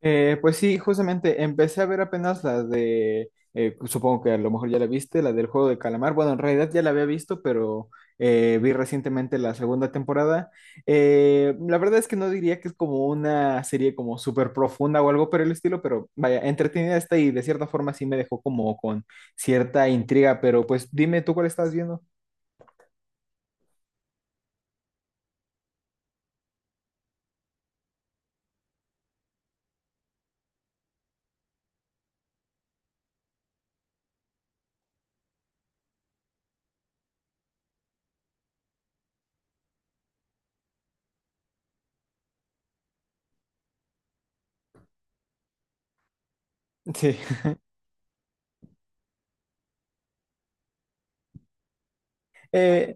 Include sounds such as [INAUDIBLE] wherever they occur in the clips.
Pues sí, justamente empecé a ver apenas la de, pues, supongo que a lo mejor ya la viste, la del juego de calamar. Bueno, en realidad ya la había visto, pero vi recientemente la segunda temporada. La verdad es que no diría que es como una serie como súper profunda o algo por el estilo, pero vaya, entretenida está y de cierta forma sí me dejó como con cierta intriga, pero pues dime tú cuál estás viendo. Sí. [LAUGHS] Eh,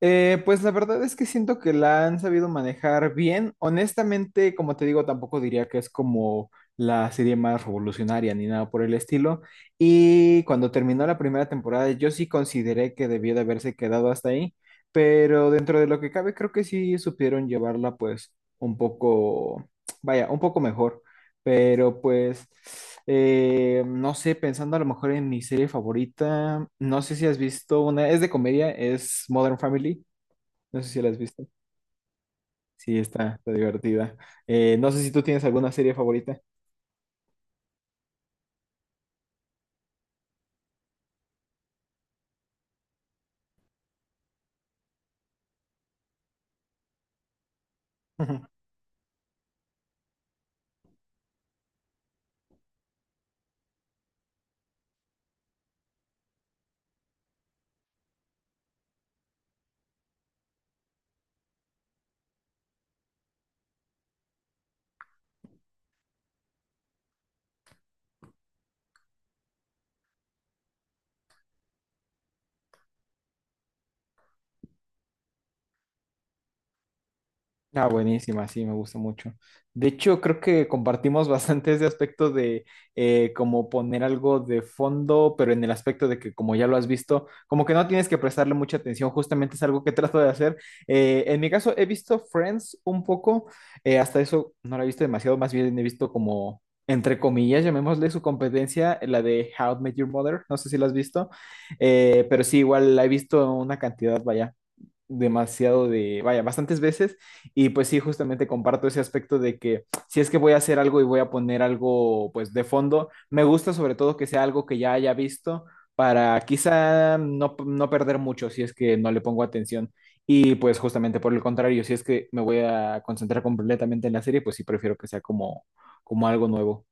Pues la verdad es que siento que la han sabido manejar bien. Honestamente, como te digo, tampoco diría que es como la serie más revolucionaria ni nada por el estilo. Y cuando terminó la primera temporada, yo sí consideré que debió de haberse quedado hasta ahí, pero dentro de lo que cabe, creo que sí supieron llevarla pues un poco, vaya, un poco mejor. Pero pues, no sé, pensando a lo mejor en mi serie favorita, no sé si has visto una, es de comedia, es Modern Family. No sé si la has visto. Sí, está divertida. No sé si tú tienes alguna serie favorita. [LAUGHS] Ah, buenísima, sí, me gusta mucho. De hecho, creo que compartimos [LAUGHS] bastante ese aspecto de como poner algo de fondo, pero en el aspecto de que como ya lo has visto, como que no tienes que prestarle mucha atención, justamente es algo que [LAUGHS] trato de hacer. En mi caso, he visto Friends un poco, hasta eso no la he visto demasiado, más bien he visto como, entre comillas, llamémosle su competencia, la de How I Met Your Mother, no sé si la has visto, pero sí, igual la he visto una cantidad, vaya demasiado de, vaya, bastantes veces. Y pues sí, justamente comparto ese aspecto de que si es que voy a hacer algo y voy a poner algo pues de fondo, me gusta sobre todo que sea algo que ya haya visto para quizá no, no perder mucho si es que no le pongo atención. Y pues justamente por el contrario, si es que me voy a concentrar completamente en la serie, pues sí prefiero que sea como, como algo nuevo.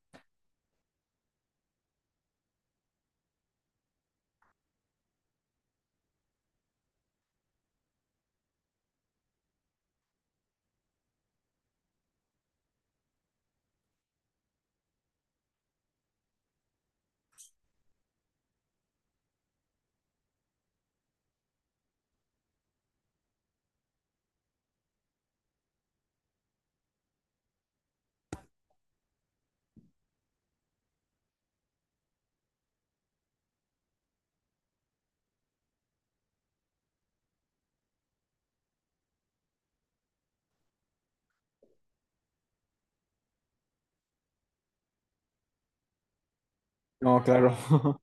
No, claro. [LAUGHS]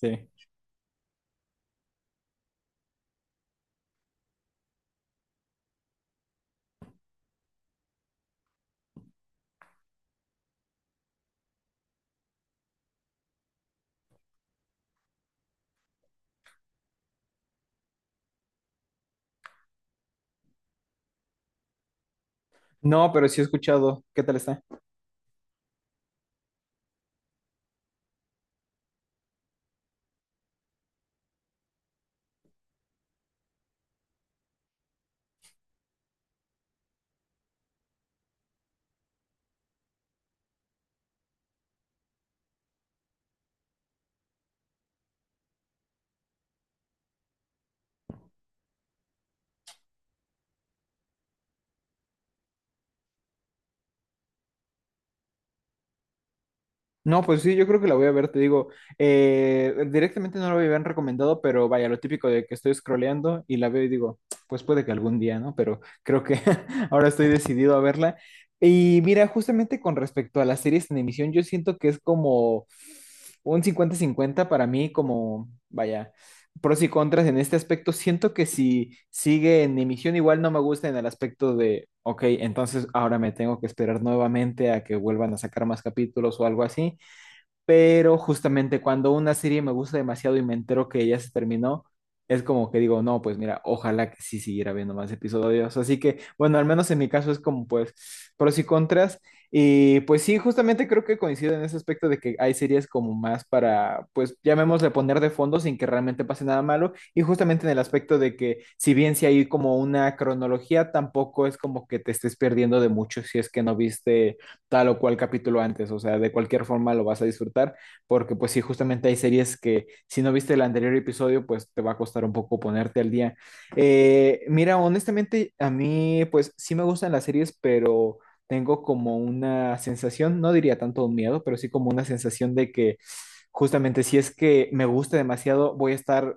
Sí. No, pero sí he escuchado. ¿Qué tal está? No, pues sí, yo creo que la voy a ver, te digo, directamente no la habían recomendado, pero vaya, lo típico de que estoy scrolleando y la veo y digo, pues puede que algún día, ¿no? Pero creo que [LAUGHS] ahora estoy decidido a verla. Y mira, justamente con respecto a las series en emisión, yo siento que es como un 50-50 para mí, como, vaya, pros y contras en este aspecto. Siento que si sigue en emisión, igual no me gusta en el aspecto de, ok, entonces ahora me tengo que esperar nuevamente a que vuelvan a sacar más capítulos o algo así. Pero justamente cuando una serie me gusta demasiado y me entero que ya se terminó, es como que digo, no, pues mira, ojalá que sí siguiera viendo más episodios. Así que, bueno, al menos en mi caso es como pues pros y contras. Y pues sí, justamente creo que coincido en ese aspecto de que hay series como más para, pues llamémosle poner de fondo sin que realmente pase nada malo. Y justamente en el aspecto de que si bien si hay como una cronología, tampoco es como que te estés perdiendo de mucho si es que no viste tal o cual capítulo antes, o sea, de cualquier forma lo vas a disfrutar, porque pues sí, justamente hay series que si no viste el anterior episodio, pues te va a costar un poco ponerte al día. Mira, honestamente, a mí pues sí me gustan las series, pero tengo como una sensación, no diría tanto un miedo, pero sí como una sensación de que justamente si es que me gusta demasiado, voy a estar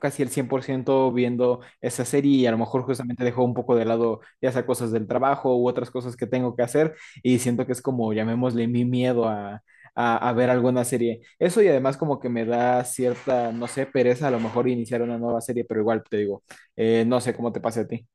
casi el 100% viendo esa serie y a lo mejor justamente dejo un poco de lado ya sea cosas del trabajo u otras cosas que tengo que hacer y siento que es como, llamémosle, mi miedo a, ver alguna serie. Eso y además como que me da cierta, no sé, pereza a lo mejor iniciar una nueva serie, pero igual te digo, no sé cómo te pase a ti.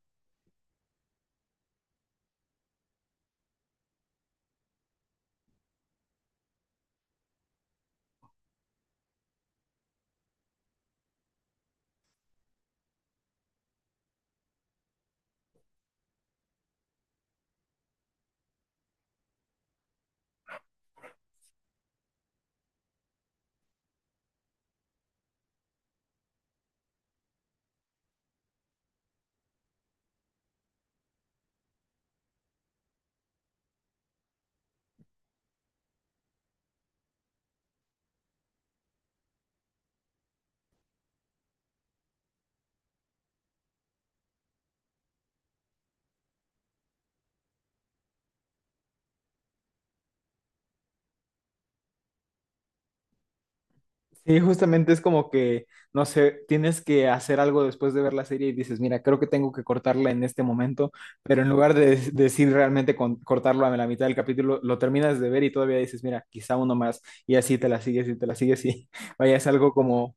Sí, justamente es como que, no sé, tienes que hacer algo después de ver la serie y dices, mira, creo que tengo que cortarla en este momento, pero en lugar de decir realmente cortarlo a la mitad del capítulo, lo terminas de ver y todavía dices, mira, quizá uno más, y así te la sigues y te la sigues y [LAUGHS] vaya, es algo como.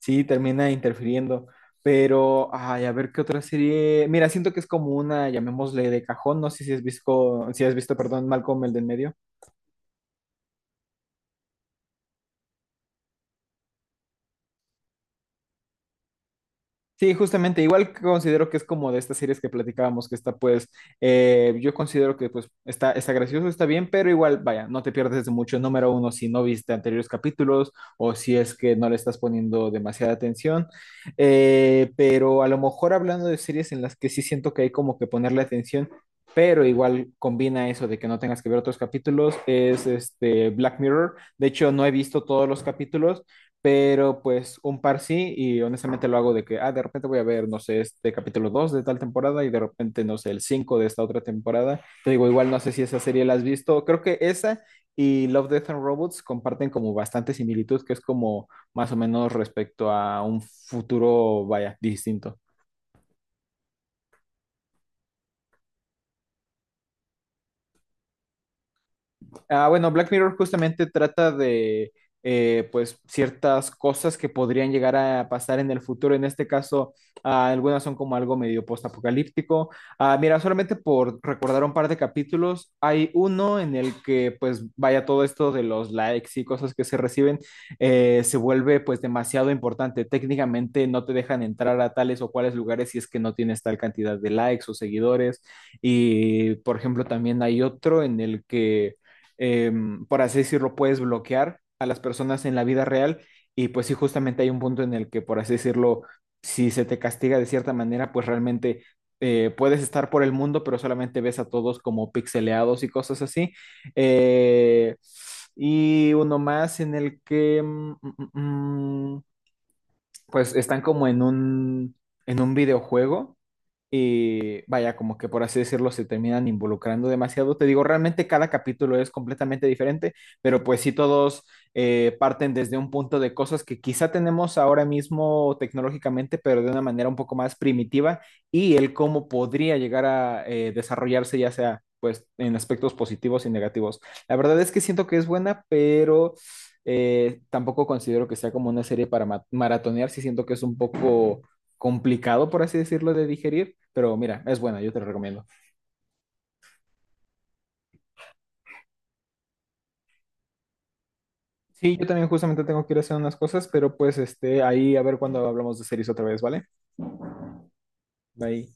Sí, termina interfiriendo. Pero, ay, a ver qué otra serie. Mira, siento que es como una, llamémosle de cajón. No sé si has visto, perdón, Malcolm el del medio. Sí, justamente, igual considero que es como de estas series que platicábamos, que está pues, yo considero que pues está, está gracioso, está bien, pero igual, vaya, no te pierdes de mucho. Número uno, si no viste anteriores capítulos o si es que no le estás poniendo demasiada atención. Pero a lo mejor hablando de series en las que sí siento que hay como que ponerle atención, pero igual combina eso de que no tengas que ver otros capítulos, es este Black Mirror. De hecho, no he visto todos los capítulos, pero pues un par sí, y honestamente lo hago de que, ah, de repente voy a ver, no sé, este capítulo 2 de tal temporada y de repente, no sé, el 5 de esta otra temporada. Te digo, igual no sé si esa serie la has visto, creo que esa y Love, Death and Robots comparten como bastante similitud, que es como más o menos respecto a un futuro, vaya, distinto. Ah, bueno, Black Mirror justamente trata de pues ciertas cosas que podrían llegar a pasar en el futuro. En este caso, ah, algunas son como algo medio postapocalíptico. Ah, mira, solamente por recordar un par de capítulos, hay uno en el que pues vaya todo esto de los likes y cosas que se reciben, se vuelve pues demasiado importante. Técnicamente no te dejan entrar a tales o cuales lugares si es que no tienes tal cantidad de likes o seguidores. Y por ejemplo, también hay otro en el que eh, por así decirlo, puedes bloquear a las personas en la vida real y pues sí, justamente hay un punto en el que, por así decirlo, si se te castiga de cierta manera, pues realmente puedes estar por el mundo, pero solamente ves a todos como pixeleados y cosas así. Eh, y uno más en el que pues están como en un videojuego y vaya, como que por así decirlo, se terminan involucrando demasiado. Te digo, realmente cada capítulo es completamente diferente, pero pues sí todos parten desde un punto de cosas que quizá tenemos ahora mismo tecnológicamente, pero de una manera un poco más primitiva y el cómo podría llegar a desarrollarse, ya sea pues en aspectos positivos y negativos. La verdad es que siento que es buena, pero tampoco considero que sea como una serie para maratonear, sí siento que es un poco complicado, por así decirlo, de digerir, pero mira, es buena, yo te lo recomiendo. Sí, yo también justamente tengo que ir a hacer unas cosas, pero pues este, ahí a ver cuando hablamos de series otra vez, ¿vale? Bye.